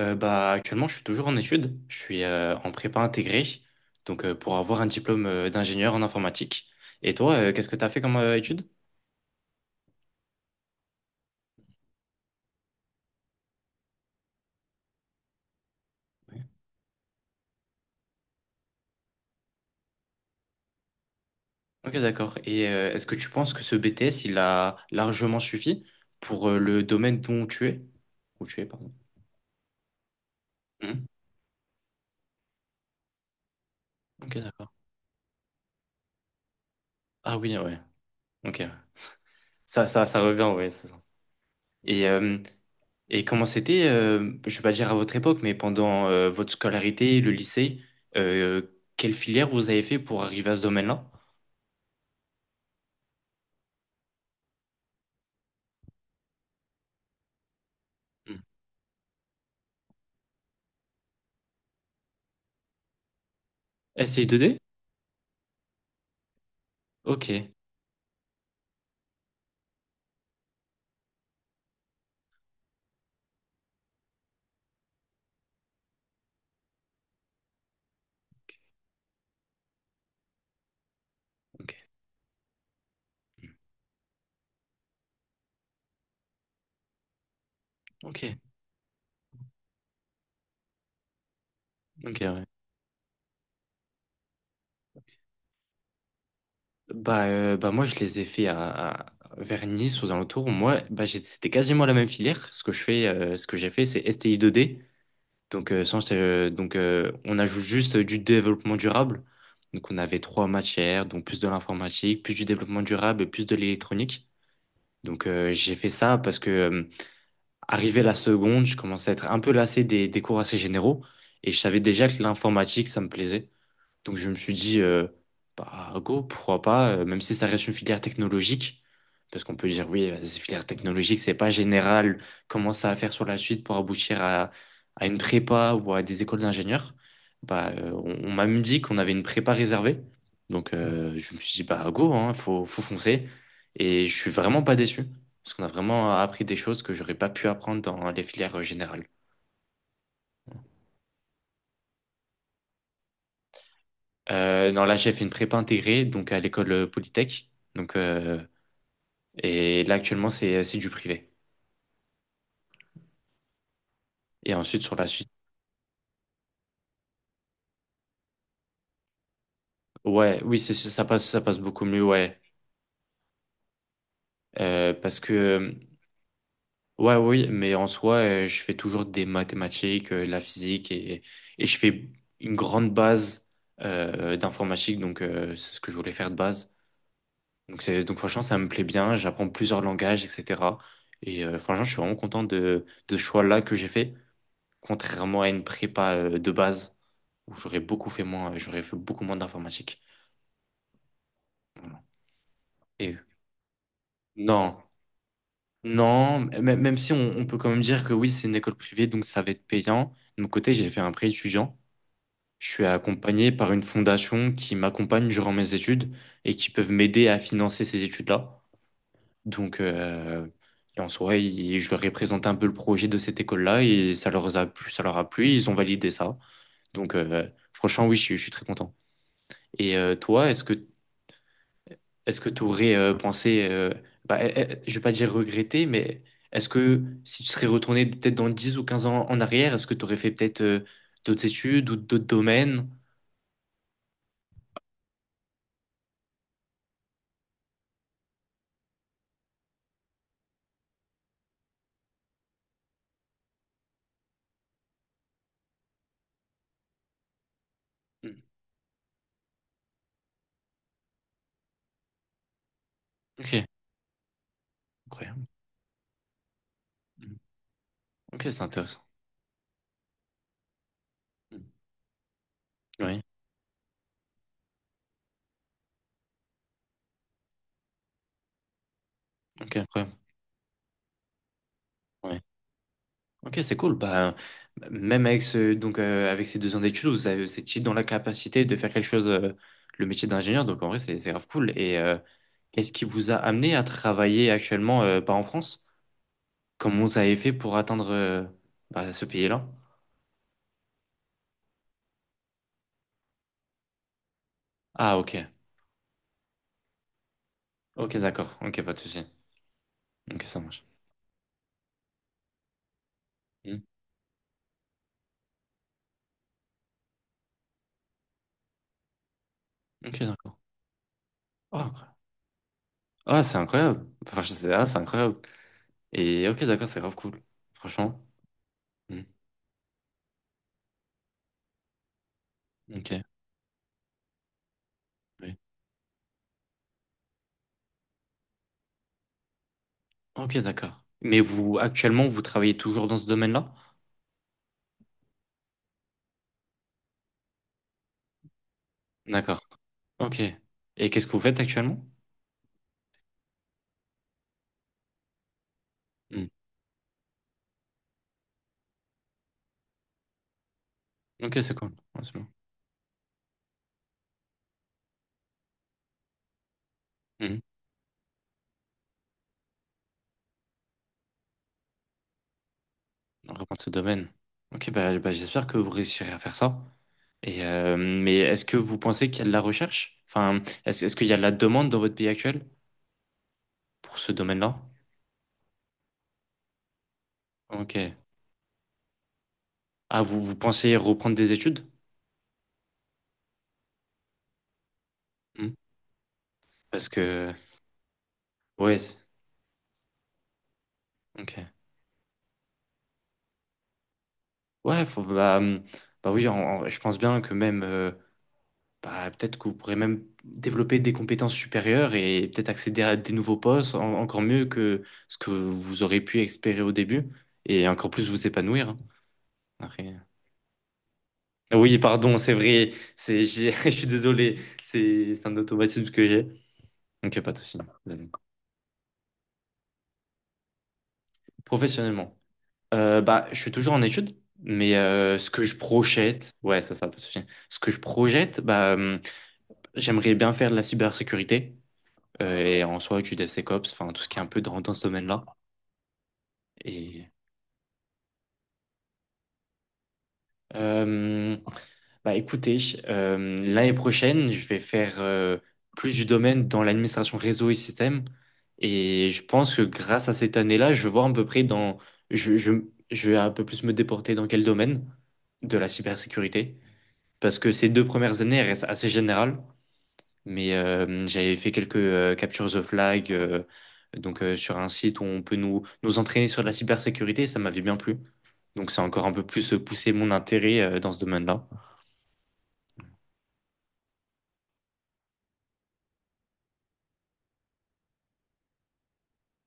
Actuellement, je suis toujours en études. Je suis en prépa intégrée, pour avoir un diplôme d'ingénieur en informatique. Et toi, qu'est-ce que tu as fait comme études? Ok, d'accord. Et est-ce que tu penses que ce BTS, il a largement suffi pour le domaine dont tu es? Où tu es, pardon. Hmm. Ok, d'accord. Ah oui, ouais. Ok. Ça revient, ouais, c'est ça. Et, euh, et comment c'était, je vais pas dire à votre époque, mais pendant votre scolarité, le lycée, euh, quelle filière vous avez fait pour arriver à ce domaine-là? Hmm. STI2D? Ok, ok, ok, ok, ouais. Bah moi, je les ai fait vers Nice, aux alentours. Moi, c'était quasiment la même filière. Ce que je fais, ce que j'ai fait, c'est STI2D. Donc, sans, donc on ajoute juste du développement durable. Donc, on avait trois matières, donc plus de l'informatique, plus du développement durable et plus de l'électronique. Donc, j'ai fait ça parce que, arrivé la seconde, je commençais à être un peu lassé des cours assez généraux. Et je savais déjà que l'informatique, ça me plaisait. Donc je me suis dit, bah go, pourquoi pas, même si ça reste une filière technologique, parce qu'on peut dire, oui, c'est filière technologique, c'est pas général, comment ça va faire sur la suite pour aboutir à une prépa ou à des écoles d'ingénieurs, on m'a même dit qu'on avait une prépa réservée. Donc je me suis dit, bah go, hein, faut foncer. Et je suis vraiment pas déçu, parce qu'on a vraiment appris des choses que j'aurais pas pu apprendre dans les filières générales. Non, là, j'ai fait une prépa intégrée, donc à l'école Polytech. Donc, euh, Et là, actuellement, c'est du privé. Et ensuite, sur la suite, ouais, oui, c'est ça passe beaucoup mieux, ouais. Euh, parce que, euh, ouais, oui, mais en soi, je fais toujours des mathématiques, de la physique, et je fais une grande base d'informatique, donc c'est ce que je voulais faire de base. Donc franchement, ça me plaît bien, j'apprends plusieurs langages, etc. Et franchement, je suis vraiment content de ce choix-là que j'ai fait, contrairement à une prépa de base, où j'aurais fait beaucoup moins d'informatique. Et Non, même si on peut quand même dire que oui, c'est une école privée, donc ça va être payant. De mon côté, j'ai fait un prêt étudiant. Je suis accompagné par une fondation qui m'accompagne durant mes études et qui peuvent m'aider à financer ces études-là. Donc, euh, et en soi, je leur ai présenté un peu le projet de cette école-là et ça leur a plu, ça leur a plu, ils ont validé ça. Donc, euh, franchement, oui, je suis très content. Et toi, est-ce que tu aurais pensé, je vais pas dire regretter, mais est-ce que si tu serais retourné peut-être dans 10 ou 15 ans en arrière, est-ce que tu aurais fait peut-être d'autres études ou d'autres domaines? Mm. Ok, incroyable. Mm. Ok, c'est intéressant. Mm. Oui, ok, incroyable. Ouais. Ok, c'est cool. Bah, même avec ce, donc, avec ces 2 ans d'études, vous étiez dans la capacité de faire quelque chose, le métier d'ingénieur, donc en vrai, c'est grave cool. Et qu'est-ce qui vous a amené à travailler actuellement, pas en France? Comment vous avez fait pour atteindre bah, ce pays-là? Ah, ok. Ok, d'accord. Ok, pas de souci. Ok, ça marche. Hmm. Ok, d'accord. Oh, incroyable. Ah, c'est incroyable. Enfin, je sais, ah, c'est incroyable. Et ok, d'accord, c'est grave cool. Franchement. Hmm. Ok, oui. Ok, d'accord. Mais vous, actuellement, vous travaillez toujours dans ce domaine-là? D'accord. Ok. Et qu'est-ce que vous faites actuellement? Hmm. Ok, c'est cool. Ouais, c'est bon. Hmm. On reprend ce domaine. Ok, bah, j'espère que vous réussirez à faire ça. Et mais est-ce que vous pensez qu'il y a de la recherche? Enfin, est-ce qu'il y a de la demande dans votre pays actuel pour ce domaine-là? Ok. Ah, vous pensez reprendre des études? Hmm. Parce que... Ouais, ok. Ouais, faut- bah, hum, bah oui, je pense bien que même... bah, peut-être que vous pourrez même développer des compétences supérieures et peut-être accéder à des nouveaux postes, encore mieux que ce que vous aurez pu espérer au début, et encore plus vous épanouir, hein. Après, oui, pardon, c'est vrai. Je suis désolé. C'est un automatisme que j'ai. Donc, pas de souci. Désolé. Professionnellement, bah, je suis toujours en études, mais ce que je projette, ouais, pas de souci. Ce que je projette, j'aimerais bien faire de la cybersécurité et en soi du DevSecOps, enfin tout ce qui est un peu dans ce domaine-là. Et euh, bah écoutez, l'année prochaine, je vais faire plus du domaine dans l'administration réseau et système. Et je pense que grâce à cette année-là, je vais voir à peu près dans... Je, je, je vais un peu plus me déporter dans quel domaine de la cybersécurité. Parce que ces deux premières années, elles restent assez générales. Mais j'avais fait quelques captures the flag, sur un site où on peut nous entraîner sur la cybersécurité. Ça m'avait bien plu. Donc ça a encore un peu plus poussé mon intérêt dans ce domaine-là.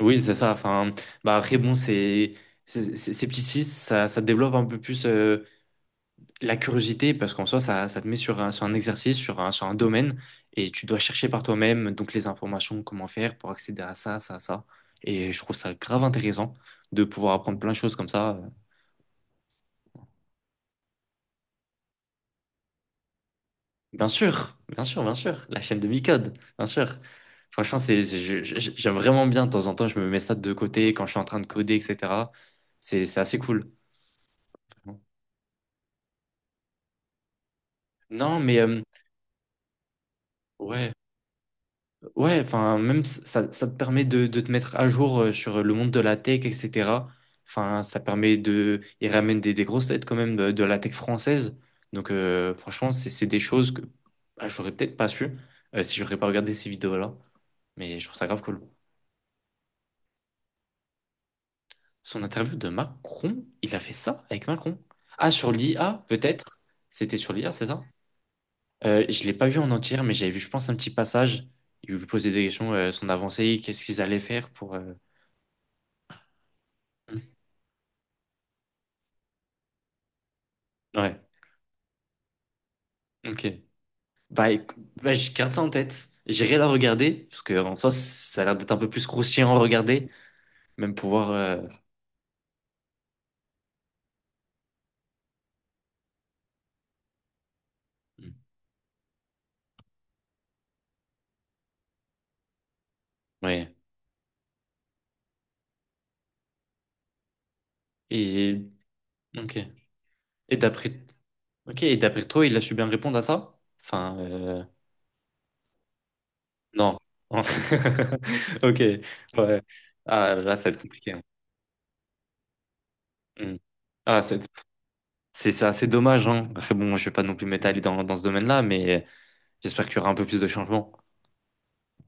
Oui, c'est ça. Enfin, bah après, ces petits six, ça développe un peu plus la curiosité parce qu'en soi, ça te met sur un exercice, sur un domaine et tu dois chercher par toi-même donc les informations, comment faire pour accéder à ça. Et je trouve ça grave intéressant de pouvoir apprendre plein de choses comme ça. Bien sûr, bien sûr, bien sûr. La chaîne de Micode, bien sûr. Franchement, j'aime vraiment bien. De temps en temps, je me mets ça de côté quand je suis en train de coder, etc. C'est assez cool. Non, mais ouais. Ouais, enfin, même ça te permet de te mettre à jour sur le monde de la tech, etc. Enfin, ça permet de. Il ramène des grosses têtes quand même de la tech française. Donc, franchement, c'est des choses que bah, j'aurais peut-être pas su si j'aurais pas regardé ces vidéos-là. Mais je trouve ça grave cool. Son interview de Macron, il a fait ça avec Macron. Ah, sur l'IA, peut-être. C'était sur l'IA, c'est ça? Je l'ai pas vu en entière, mais j'avais vu, je pense, un petit passage. Il lui posait des questions, son avancée, qu'est-ce qu'ils allaient faire pour. Ouais. Ok. Bah, éc- bah, je garde ça en tête. J'irai la regarder, parce que en soi, ça a l'air d'être un peu plus croustillant à regarder, même pouvoir. Ouais. Et. Ok. Et d'après. Ok, et d'après toi, il a su bien répondre à ça? Non. Ok, ouais. Ah, là, ça va être compliqué, hein. Hmm. Ah, c'est assez dommage, hein. Après, bon, je vais pas non plus m'étaler dans ce domaine-là, mais j'espère qu'il y aura un peu plus de changements.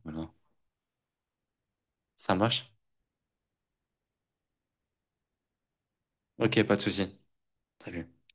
Voilà. Ça marche? Ok, pas de souci. Salut.